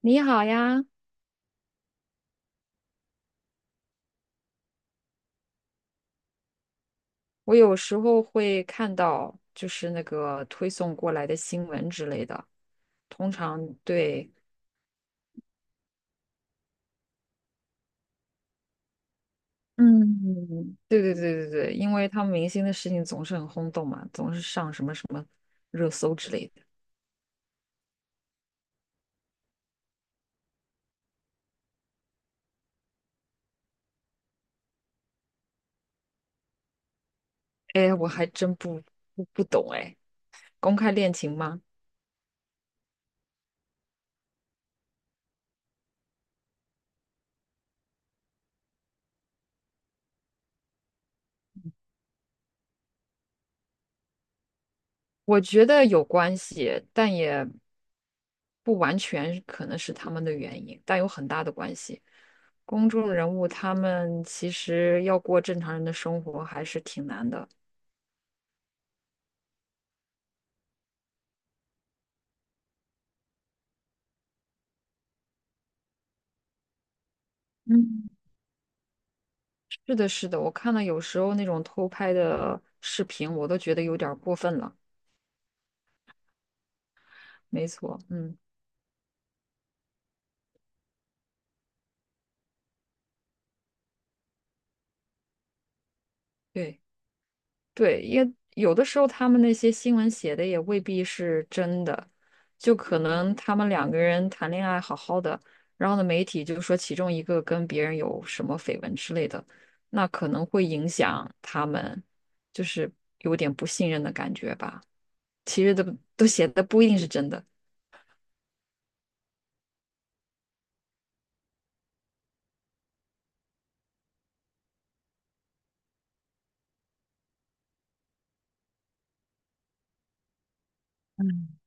你好呀，我有时候会看到就是那个推送过来的新闻之类的，通常对，嗯，对对对对对，因为他们明星的事情总是很轰动嘛，总是上什么什么热搜之类的。哎，我还真不懂哎，公开恋情吗？我觉得有关系，但也不完全可能是他们的原因，但有很大的关系。公众人物他们其实要过正常人的生活还是挺难的。嗯，是的，是的，我看到有时候那种偷拍的视频，我都觉得有点儿过分了。没错，嗯，对。对，因为有的时候他们那些新闻写的也未必是真的，就可能他们两个人谈恋爱好好的，然后呢，媒体就说其中一个跟别人有什么绯闻之类的，那可能会影响他们，就是有点不信任的感觉吧。其实都写的不一定是真的，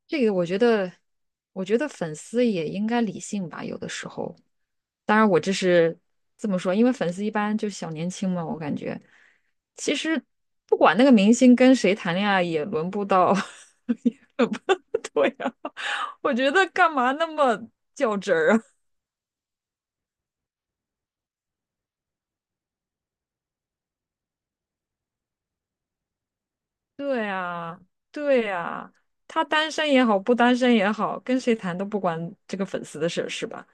这个我觉得，我觉得粉丝也应该理性吧，有的时候。当然，我这是这么说，因为粉丝一般就是小年轻嘛，我感觉其实不管那个明星跟谁谈恋爱，也轮不到，也轮不到对呀、我觉得干嘛那么较真儿啊？对呀、对呀、他单身也好，不单身也好，跟谁谈都不关这个粉丝的事，是吧？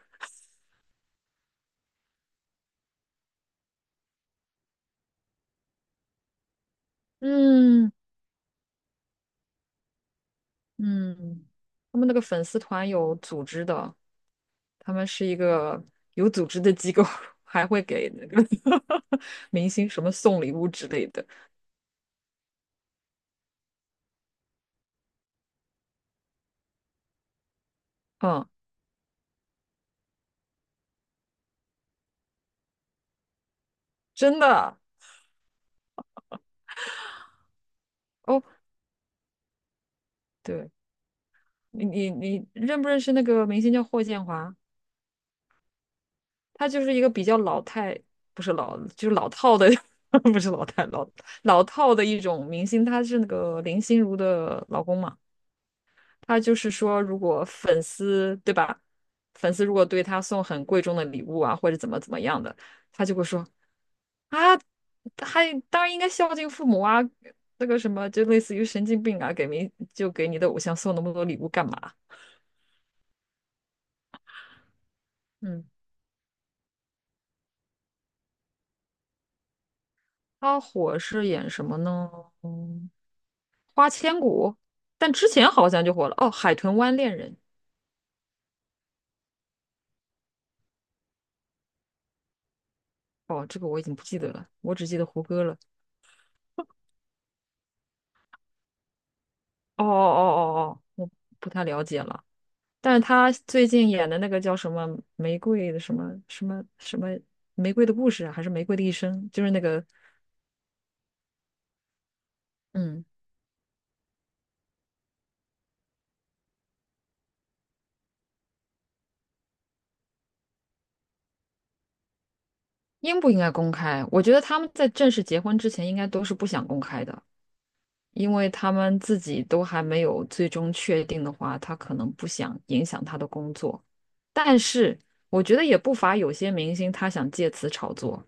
嗯嗯，他们那个粉丝团有组织的，他们是一个有组织的机构，还会给那个 明星什么送礼物之类的。嗯，真的哦，对你你认不认识那个明星叫霍建华？他就是一个比较老太，不是老，就是老套的，不是老太，老套的一种明星。他是那个林心如的老公嘛。他就是说，如果粉丝，对吧？粉丝如果对他送很贵重的礼物啊，或者怎么怎么样的，他就会说啊，还当然应该孝敬父母啊，那个什么，就类似于神经病啊，给明就给你的偶像送那么多礼物干嘛？嗯，他火是演什么呢？嗯，花千骨，但之前好像就火了哦，《海豚湾恋人》哦，这个我已经不记得了，我只记得胡歌了。哦哦哦哦哦，我不太了解了。但是他最近演的那个叫什么玫瑰的什么什么什么玫瑰的故事啊还是玫瑰的一生，就是那个，嗯，应不应该公开？我觉得他们在正式结婚之前，应该都是不想公开的，因为他们自己都还没有最终确定的话，他可能不想影响他的工作。但是我觉得也不乏有些明星他想借此炒作。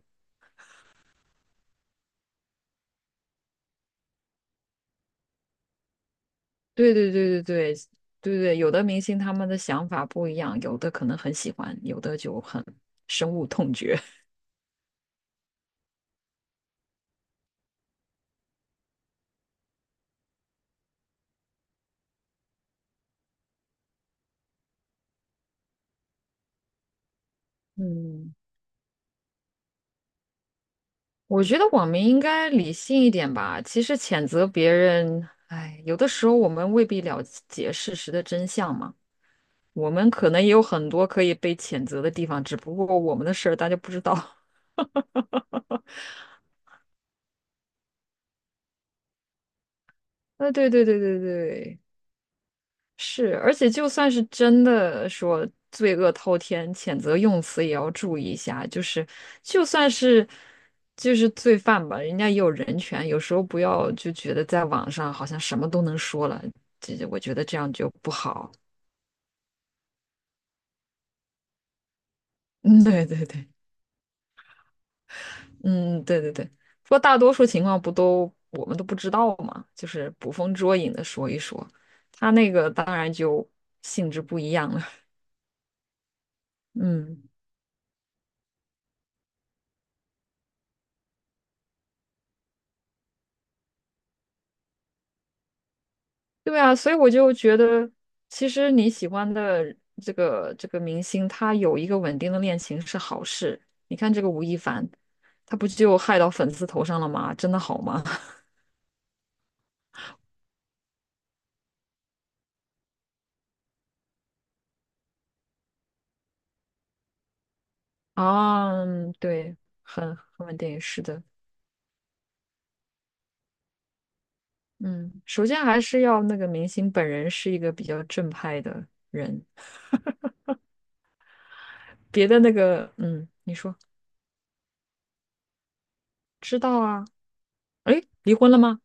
对对对对对对对，有的明星他们的想法不一样，有的可能很喜欢，有的就很深恶痛绝。嗯，我觉得网民应该理性一点吧。其实谴责别人，哎，有的时候我们未必了解事实的真相嘛。我们可能也有很多可以被谴责的地方，只不过我们的事儿大家不知道。啊，对对对对对，是，而且就算是真的说罪恶滔天，谴责用词也要注意一下。就是，就算是就是罪犯吧，人家也有人权，有时候不要就觉得在网上好像什么都能说了，这我觉得这样就不好。嗯，对对对，嗯，对对对。不过大多数情况不都我们都不知道嘛，就是捕风捉影的说一说，他那个当然就性质不一样了。嗯。对啊，所以我就觉得，其实你喜欢的这个明星，他有一个稳定的恋情是好事。你看这个吴亦凡，他不就害到粉丝头上了吗？真的好吗？啊，嗯对，很稳定，是的，嗯，首先还是要那个明星本人是一个比较正派的人，别的那个，嗯，你说知道啊？诶，离婚了吗？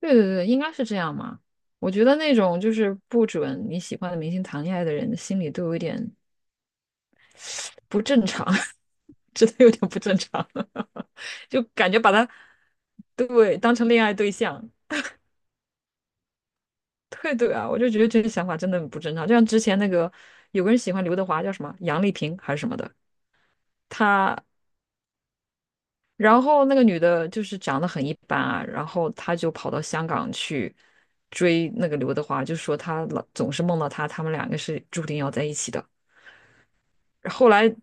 对对对，应该是这样嘛。我觉得那种就是不准你喜欢的明星谈恋爱的人，心里都有一点不正常，真的有点不正常，就感觉把他对当成恋爱对象。对对啊，我就觉得这个想法真的很不正常。就像之前那个有个人喜欢刘德华，叫什么杨丽萍还是什么的，他然后那个女的就是长得很一般啊，然后她就跑到香港去追那个刘德华，就说她老总是梦到他，他们两个是注定要在一起的。后来，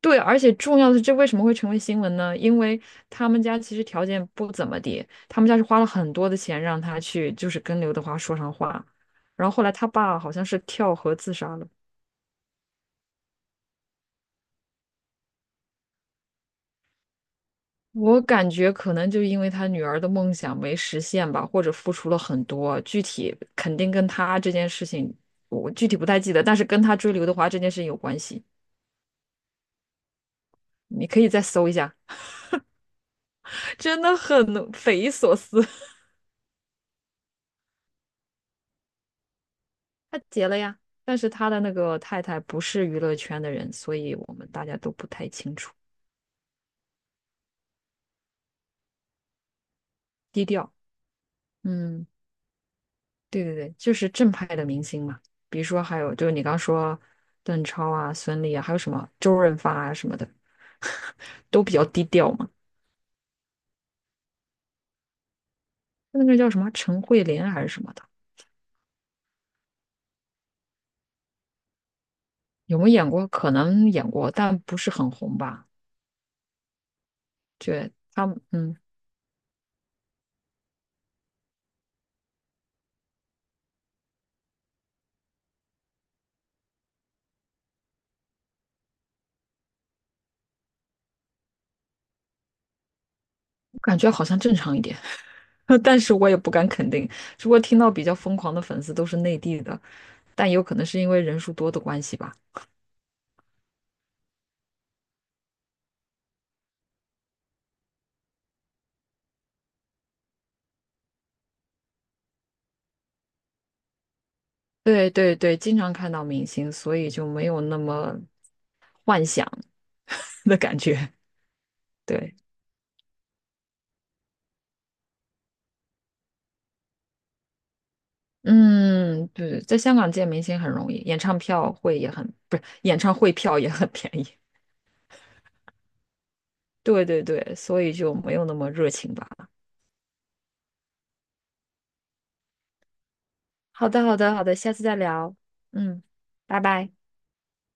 对，而且重要的是，这为什么会成为新闻呢？因为他们家其实条件不怎么地，他们家是花了很多的钱让他去，就是跟刘德华说上话。然后后来他爸好像是跳河自杀了。我感觉可能就因为他女儿的梦想没实现吧，或者付出了很多，具体肯定跟他这件事情，我具体不太记得，但是跟他追刘德华这件事情有关系。你可以再搜一下，真的很匪夷所思。他结了呀，但是他的那个太太不是娱乐圈的人，所以我们大家都不太清楚，低调。嗯。对对对，就是正派的明星嘛，比如说还有就是你刚说邓超啊、孙俪啊，还有什么周润发啊什么的，都比较低调嘛。那个叫什么陈慧琳还是什么的，有没有演过？可能演过，但不是很红吧。对，他们，嗯，感觉好像正常一点，但是我也不敢肯定。如果听到比较疯狂的粉丝都是内地的，但有可能是因为人数多的关系吧。对对对，经常看到明星，所以就没有那么幻想。的感觉。对，嗯，对，在香港见明星很容易，演唱票会也很，不是，演唱会票也很便宜。对对对，所以就没有那么热情吧。好的，好的，好的，下次再聊。嗯，拜拜。